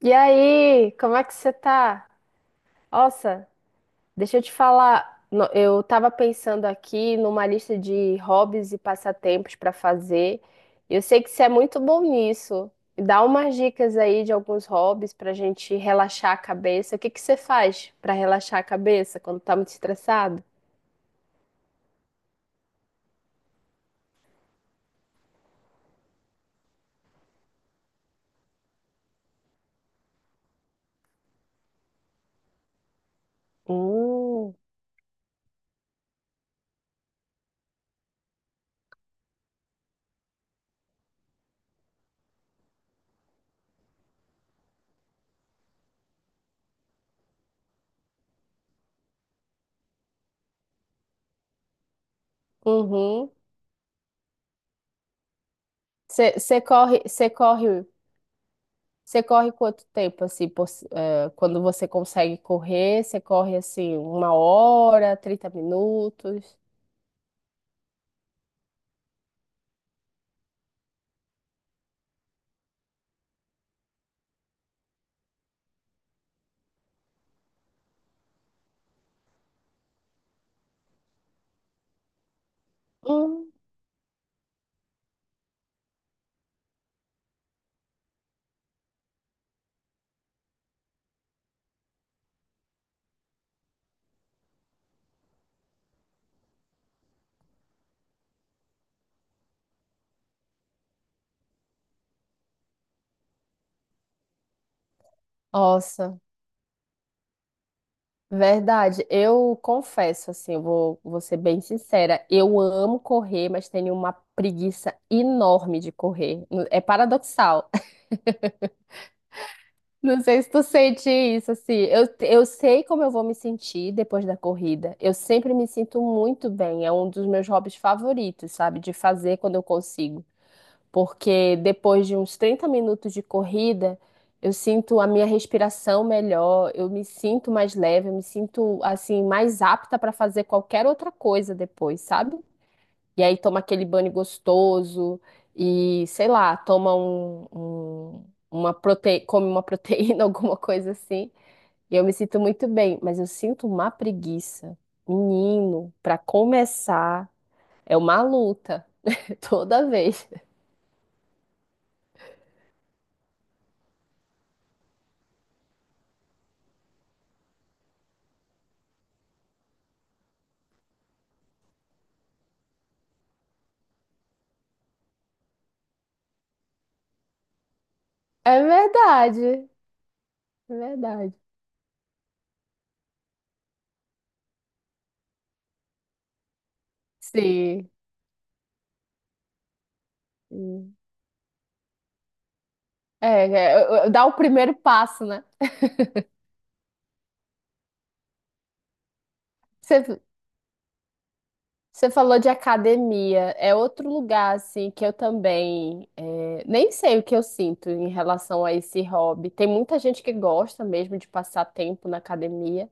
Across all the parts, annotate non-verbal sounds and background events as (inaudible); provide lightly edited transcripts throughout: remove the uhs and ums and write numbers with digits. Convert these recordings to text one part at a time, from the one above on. E aí, como é que você tá? Nossa, deixa eu te falar. Eu tava pensando aqui numa lista de hobbies e passatempos pra fazer. Eu sei que você é muito bom nisso. Me dá umas dicas aí de alguns hobbies pra gente relaxar a cabeça. O que que você faz pra relaxar a cabeça quando tá muito estressado? Hum. Uhum. Você você corre, você corre Você corre quanto tempo, assim, quando você consegue correr, você corre, assim, 1 hora, 30 minutos? Hum. Nossa, verdade. Eu confesso, assim, eu vou ser bem sincera. Eu amo correr, mas tenho uma preguiça enorme de correr. É paradoxal. (laughs) Não sei se tu sente isso, assim. Eu sei como eu vou me sentir depois da corrida. Eu sempre me sinto muito bem. É um dos meus hobbies favoritos, sabe? De fazer quando eu consigo. Porque depois de uns 30 minutos de corrida, eu sinto a minha respiração melhor, eu me sinto mais leve, eu me sinto assim mais apta para fazer qualquer outra coisa depois, sabe? E aí toma aquele banho gostoso e, sei lá, toma um- come uma (laughs) proteína, alguma coisa assim. E eu me sinto muito bem, mas eu sinto uma preguiça. Menino, para começar, é uma luta (laughs) toda vez. É verdade. É verdade. Sim. Hum. Dá o primeiro passo, né? Você, você falou de academia, é outro lugar, assim, que eu também nem sei o que eu sinto em relação a esse hobby. Tem muita gente que gosta mesmo de passar tempo na academia,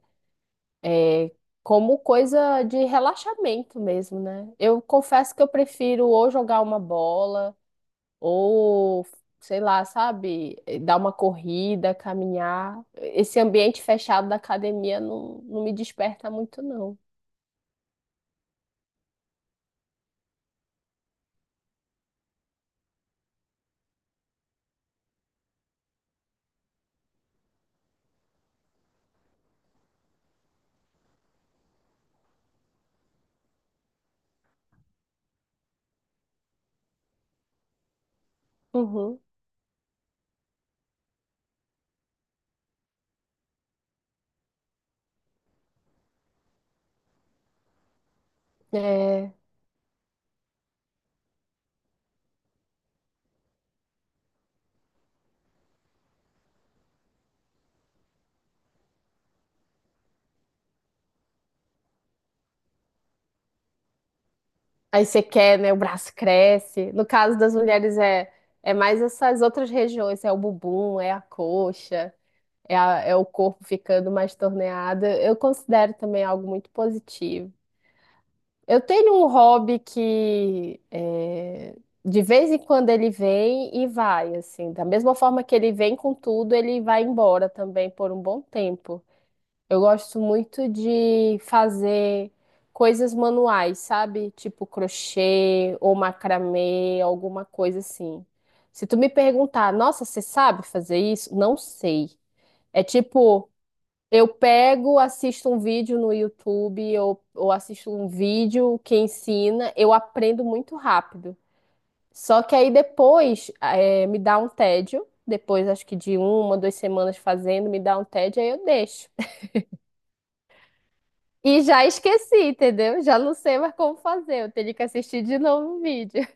é, como coisa de relaxamento mesmo, né? Eu confesso que eu prefiro ou jogar uma bola, ou sei lá, sabe, dar uma corrida, caminhar. Esse ambiente fechado da academia não, não me desperta muito, não. Uhum. É. Aí você quer, né? O braço cresce. No caso das mulheres, é mais essas outras regiões, é o bumbum, é a coxa, é o corpo ficando mais torneado. Eu considero também algo muito positivo. Eu tenho um hobby que é, de vez em quando ele vem e vai, assim. Da mesma forma que ele vem com tudo, ele vai embora também por um bom tempo. Eu gosto muito de fazer coisas manuais, sabe? Tipo crochê ou macramê, alguma coisa assim. Se tu me perguntar, nossa, você sabe fazer isso? Não sei. É tipo. Eu pego, assisto um vídeo no YouTube, ou assisto um vídeo que ensina, eu aprendo muito rápido. Só que aí depois me dá um tédio, depois acho que de uma, duas semanas fazendo, me dá um tédio, aí eu deixo. (laughs) E já esqueci, entendeu? Já não sei mais como fazer, eu teria que assistir de novo o vídeo.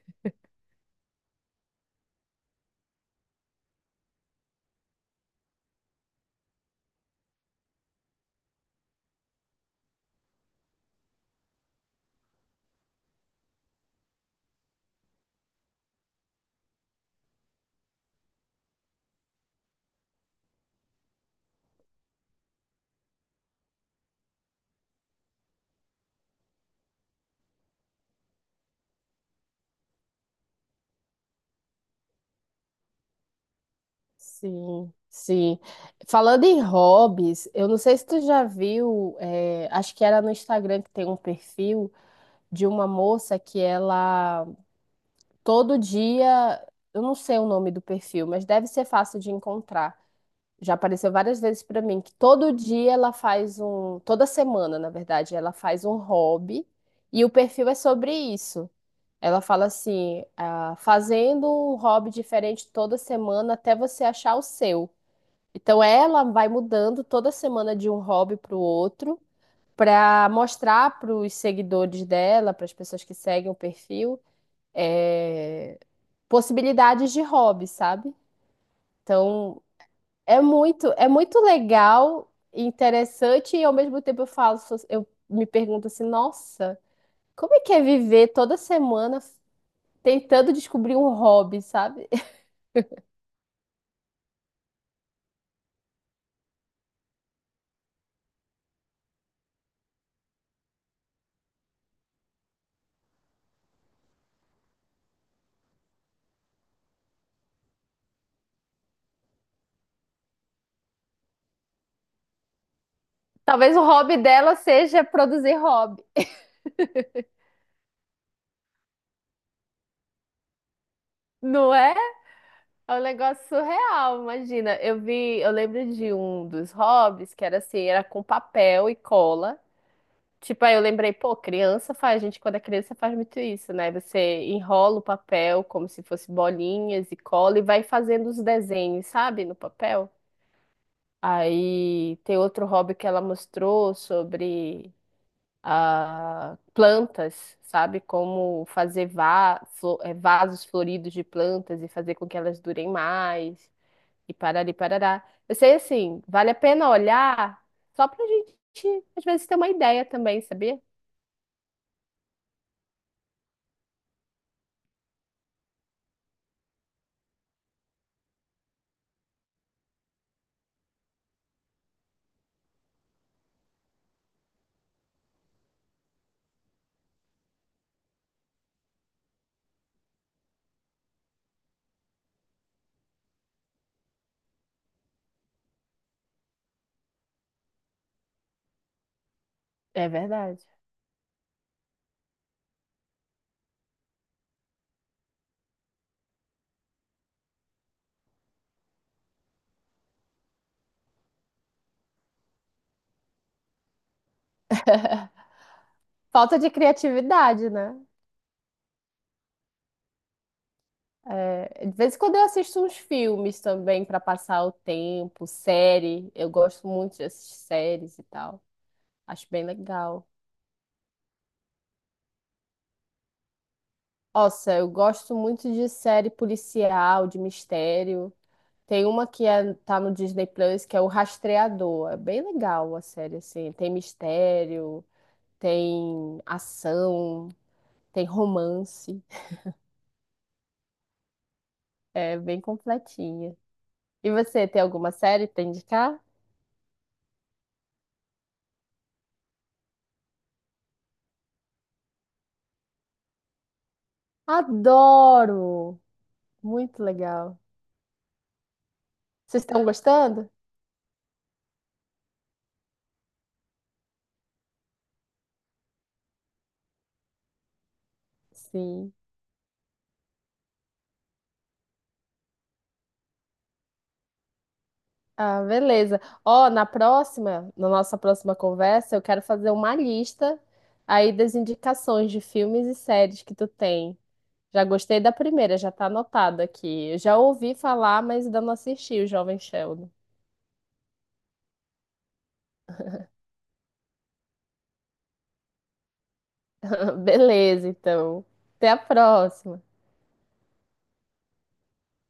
Sim, sim. Falando em hobbies, eu não sei se tu já viu, acho que era no Instagram que tem um perfil de uma moça que Todo dia, eu não sei o nome do perfil, mas deve ser fácil de encontrar. Já apareceu várias vezes pra mim que todo dia ela faz um, toda semana, na verdade, ela faz um hobby e o perfil é sobre isso. Ela fala assim, ah, fazendo um hobby diferente toda semana até você achar o seu. Então ela vai mudando toda semana de um hobby para o outro, para mostrar para os seguidores dela, para as pessoas que seguem o perfil, eh, possibilidades de hobby, sabe? Então, é muito legal, interessante e ao mesmo tempo eu falo, eu me pergunto assim, nossa, como é que é viver toda semana tentando descobrir um hobby, sabe? (laughs) Talvez o hobby dela seja produzir hobby. Não é? É um negócio surreal, imagina. Eu vi, eu lembro de um dos hobbies que era assim, era com papel e cola. Tipo, aí eu lembrei, pô, criança faz, gente, quando é criança faz muito isso, né? Você enrola o papel como se fosse bolinhas e cola e vai fazendo os desenhos, sabe, no papel. Aí tem outro hobby que ela mostrou sobre plantas, sabe? Como fazer vasos floridos de plantas e fazer com que elas durem mais e parari parará. Eu sei, assim, vale a pena olhar só pra gente, às vezes, ter uma ideia também, sabia? É verdade. Falta de criatividade, né? É, de vez em quando eu assisto uns filmes também para passar o tempo, série. Eu gosto muito de assistir séries e tal. Acho bem legal. Nossa, eu gosto muito de série policial, de mistério. Tem uma que é, tá no Disney Plus, que é o Rastreador. É bem legal a série, assim. Tem mistério, tem ação, tem romance. É bem completinha. E você, tem alguma série para indicar? Adoro! Muito legal. Vocês estão gostando? Sim. Ah, beleza. Ó, na próxima, na nossa próxima conversa, eu quero fazer uma lista aí das indicações de filmes e séries que tu tem. Já gostei da primeira, já tá anotado aqui. Eu já ouvi falar, mas ainda não assisti o Jovem Sheldon. (laughs) Beleza, então. Até a próxima.